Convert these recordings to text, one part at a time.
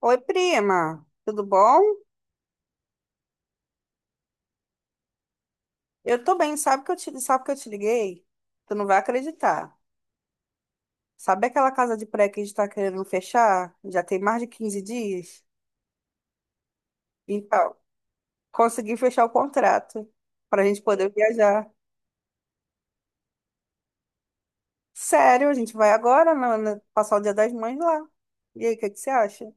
Oi, prima, tudo bom? Eu tô bem, sabe que eu te liguei? Tu não vai acreditar. Sabe aquela casa de praia que a gente tá querendo fechar? Já tem mais de 15 dias? Então, consegui fechar o contrato pra gente poder viajar. Sério, a gente vai agora passar o Dia das Mães lá. E aí, o que que você acha?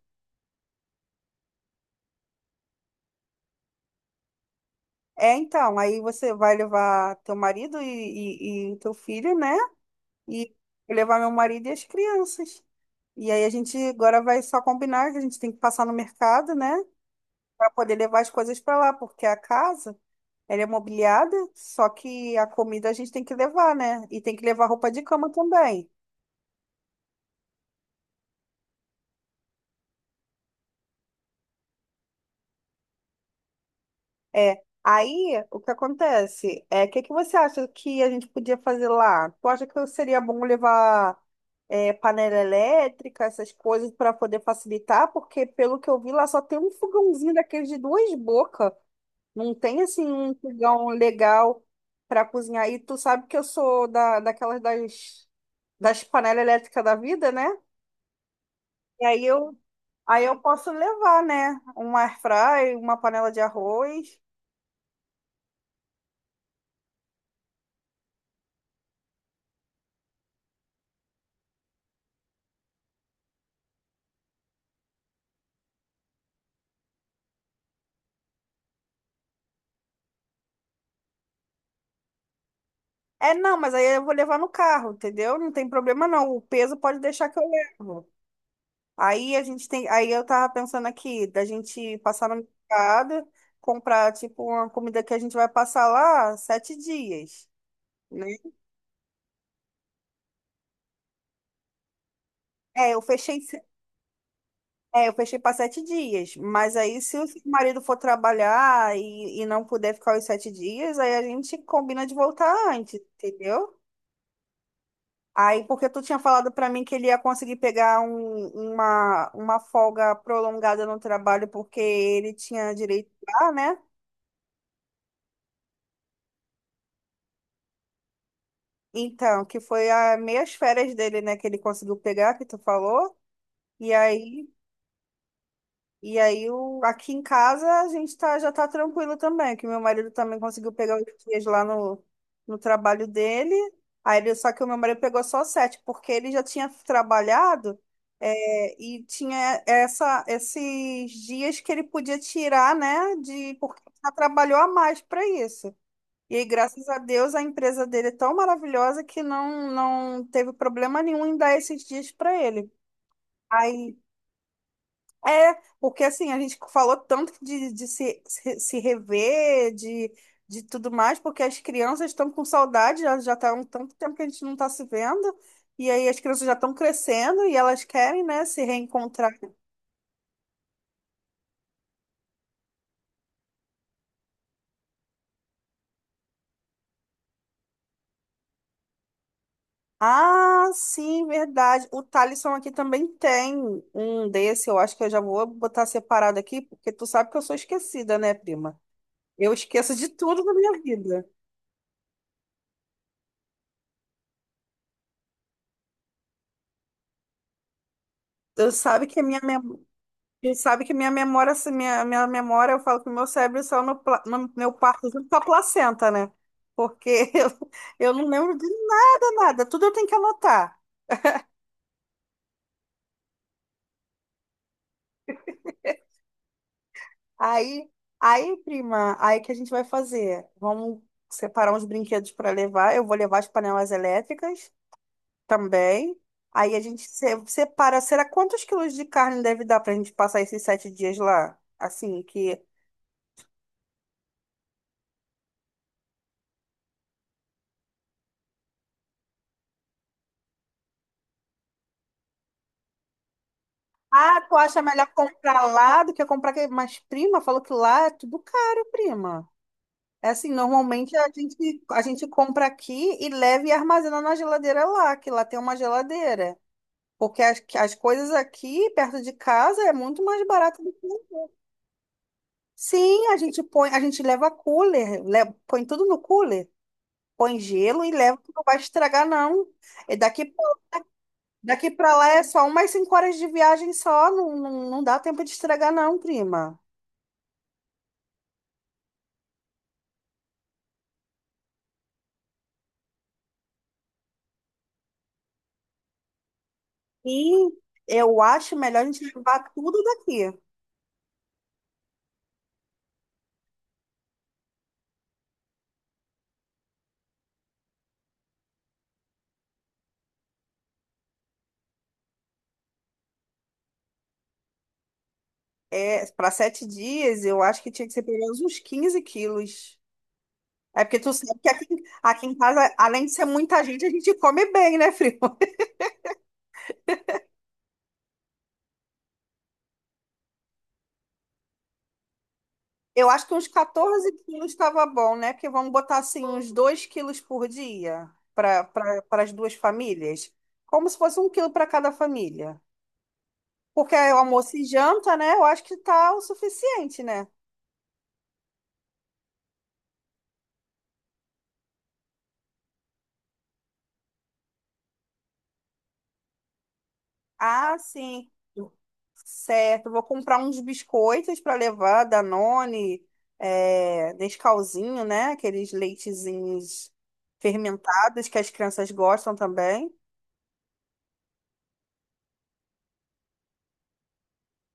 Aí você vai levar teu marido e teu filho, né? e Levar meu marido e as crianças. E aí a gente agora vai só combinar que a gente tem que passar no mercado, né, para poder levar as coisas para lá, porque a casa, ela é mobiliada, só que a comida a gente tem que levar, né? E tem que levar roupa de cama também. É. Aí, o que acontece? O que que você acha que a gente podia fazer lá? Tu acha que seria bom levar panela elétrica, essas coisas para poder facilitar, porque pelo que eu vi lá só tem um fogãozinho daqueles de duas bocas. Não tem assim um fogão legal para cozinhar. E tu sabe que eu sou daquelas das panelas elétricas da vida, né? E aí eu, Aí eu posso levar, né? Um air fry, uma panela de arroz. É, não, mas aí eu vou levar no carro, entendeu? Não tem problema não. O peso pode deixar que eu levo. Aí a gente tem, Aí eu tava pensando aqui da gente passar no mercado, comprar tipo uma comida que a gente vai passar lá sete dias, né? É, eu fechei É, eu fechei para sete dias. Mas aí, se o seu marido for trabalhar e não puder ficar os sete dias, aí a gente combina de voltar antes, entendeu? Aí, porque tu tinha falado para mim que ele ia conseguir pegar uma folga prolongada no trabalho, porque ele tinha direito lá, né? Então, que foi as meias férias dele, né, que ele conseguiu pegar, que tu falou. E aí E aí, o, aqui em casa, já tá tranquilo também, que meu marido também conseguiu pegar os dias lá no, no trabalho dele. Aí ele, só que o meu marido pegou só sete, porque ele já tinha trabalhado, e tinha essa, esses dias que ele podia tirar, né, de, porque já trabalhou a mais para isso. E aí, graças a Deus, a empresa dele é tão maravilhosa que não teve problema nenhum em dar esses dias para ele. Aí, é, Porque assim, a gente falou tanto de se rever, de tudo mais, porque as crianças estão com saudade, já tá um tanto tempo que a gente não está se vendo, e aí as crianças já estão crescendo e elas querem, né, se reencontrar. Ah, sim, verdade. O Thalisson aqui também tem um desse, eu acho que eu já vou botar separado aqui, porque tu sabe que eu sou esquecida, né, prima? Eu esqueço de tudo na minha vida. Tu sabe que a minha memória E sabe que minha memória, assim, minha memória, eu falo que o meu cérebro saiu no meu parto junto com a placenta, né? Porque eu não lembro de nada, nada. Tudo eu tenho que anotar. Aí, aí, prima, aí que a gente vai fazer? Vamos separar uns brinquedos para levar. Eu vou levar as panelas elétricas também. Aí a gente separa. Será quantos quilos de carne deve dar para a gente passar esses sete dias lá? Assim, que Ah, tu acha melhor comprar lá do que comprar aqui? Mas, prima, falou que lá é tudo caro, prima. É assim, normalmente a gente compra aqui e leva e armazena na geladeira lá, que lá tem uma geladeira. Porque as coisas aqui, perto de casa, é muito mais barato do que. Sim, a gente põe, a gente leva cooler, põe tudo no cooler, põe gelo e leva, que não vai estragar, não. E daqui, Daqui pra lá é só umas cinco horas de viagem só, não dá tempo de estragar, não, prima. E eu acho melhor a gente levar tudo daqui. É, para sete dias, eu acho que tinha que ser pelo menos uns 15 quilos. É porque tu sabe que aqui, aqui em casa, além de ser muita gente, a gente come bem, né, Frio? Eu acho que uns 14 quilos estava bom, né? Porque vamos botar assim uns 2 quilos por dia para as duas famílias. Como se fosse um quilo para cada família. Porque é almoço e janta, né? Eu acho que tá o suficiente, né? Ah, sim. Certo, vou comprar uns biscoitos para levar, Danone, Nescauzinho, né? Aqueles leitezinhos fermentados que as crianças gostam também.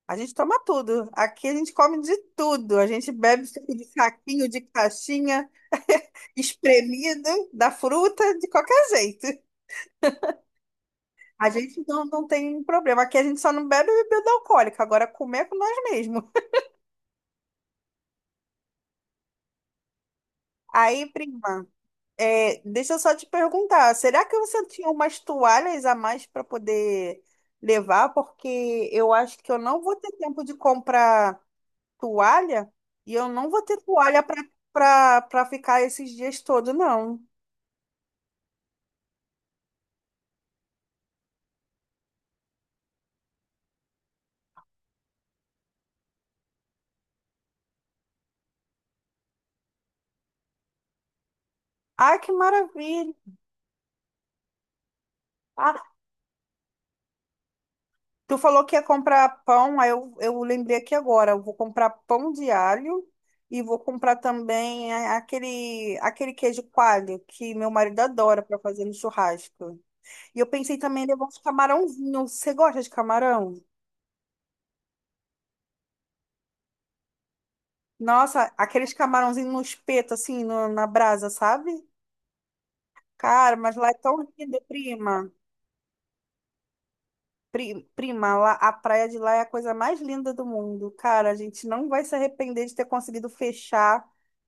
A gente toma tudo. Aqui a gente come de tudo. A gente bebe suco de saquinho, de caixinha, espremido, da fruta, de qualquer jeito. A gente não, Não tem problema. Aqui a gente só não bebe bebida alcoólica. Agora comer é com nós mesmos. Aí, prima. Deixa eu só te perguntar, será que você tinha umas toalhas a mais para poder levar? Porque eu acho que eu não vou ter tempo de comprar toalha e eu não vou ter toalha para para ficar esses dias todos, não. Ah, que maravilha! Ah, tu falou que ia comprar pão, eu lembrei aqui agora, eu vou comprar pão de alho e vou comprar também aquele aquele queijo coalho que meu marido adora para fazer no churrasco. E eu pensei também em levar uns camarãozinhos. Você gosta de camarão? Nossa, aqueles camarãozinhos no espeto, assim, na brasa, sabe? Cara, mas lá é tão lindo, prima. Prima, lá, a praia de lá é a coisa mais linda do mundo. Cara, a gente não vai se arrepender de ter conseguido fechar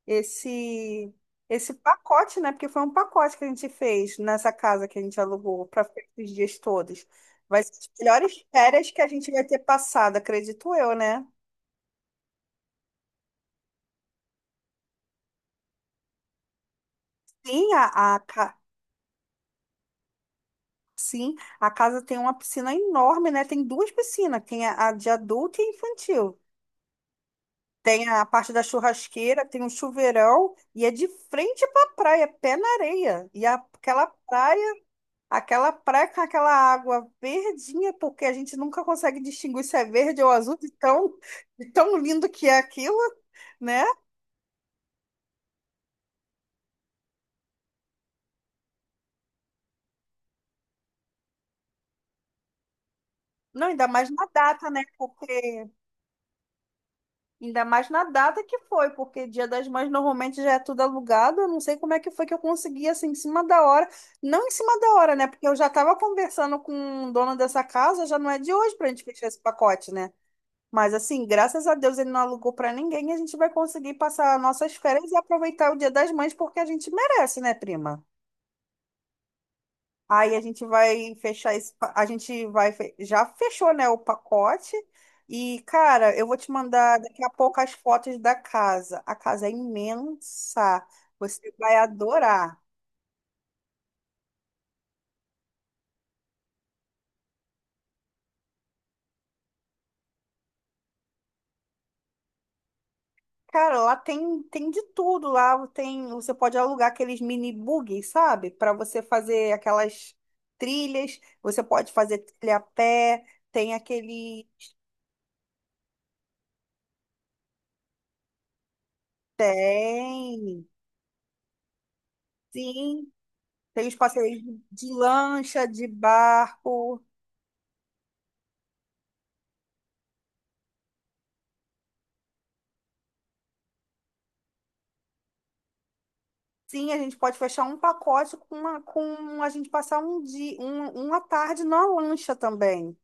esse esse pacote, né? Porque foi um pacote que a gente fez nessa casa que a gente alugou para ficar esses dias todos. Vai ser as melhores férias que a gente vai ter passado, acredito eu, né? Sim, a, a, ca- Sim, a casa tem uma piscina enorme, né? Tem duas piscinas, tem a de adulto e a infantil. Tem a parte da churrasqueira, tem um chuveirão e é de frente para a praia, pé na areia. Aquela praia, aquela praia com aquela água verdinha, porque a gente nunca consegue distinguir se é verde ou azul, de tão lindo que é aquilo, né? Não, ainda mais na data, né? Porque ainda mais na data que foi, porque Dia das Mães normalmente já é tudo alugado. Eu não sei como é que foi que eu consegui, assim, em cima da hora. Não em cima da hora, né? Porque eu já estava conversando com o dono dessa casa, já não é de hoje para a gente fechar esse pacote, né? Mas, assim, graças a Deus ele não alugou para ninguém. A gente vai conseguir passar nossas férias e aproveitar o Dia das Mães, porque a gente merece, né, prima? Aí a gente vai fechar esse, a gente vai, já fechou, né, o pacote. E, cara, eu vou te mandar daqui a pouco as fotos da casa. A casa é imensa. Você vai adorar. Cara, lá tem, tem de tudo. Lá tem, você pode alugar aqueles mini buggy, sabe? Para você fazer aquelas trilhas. Você pode fazer trilha a pé. Tem aquele, Tem, sim. Tem os passeios de lancha, de barco. Sim, a gente pode fechar um pacote com a gente passar um dia, uma tarde na lancha também.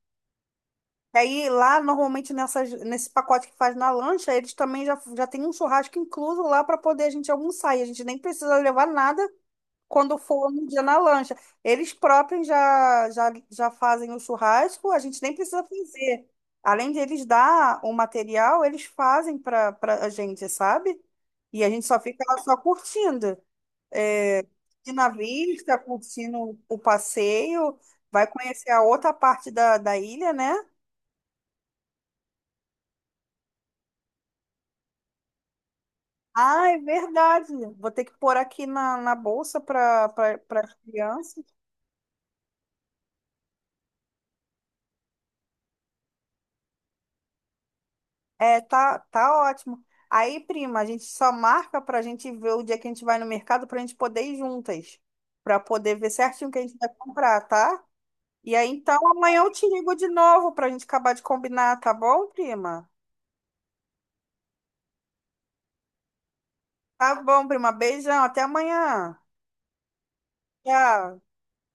E aí lá, normalmente, nesse pacote que faz na lancha, eles também já tem um churrasco incluso lá para poder a gente almoçar. E a gente nem precisa levar nada quando for no dia na lancha. Eles próprios já fazem o churrasco, a gente nem precisa fazer. Além de eles dar o material, eles fazem para a gente, sabe? E a gente só fica lá só curtindo é, curtindo a vista, curtindo o passeio, vai conhecer a outra parte da ilha, né? Ah, é verdade. Vou ter que pôr aqui na bolsa para as crianças. Tá ótimo. Aí, prima, a gente só marca para a gente ver o dia que a gente vai no mercado para a gente poder ir juntas, para poder ver certinho o que a gente vai comprar, tá? E aí, então, amanhã eu te ligo de novo para a gente acabar de combinar, tá bom, prima? Tá bom, prima. Beijão. Até amanhã. Tchau.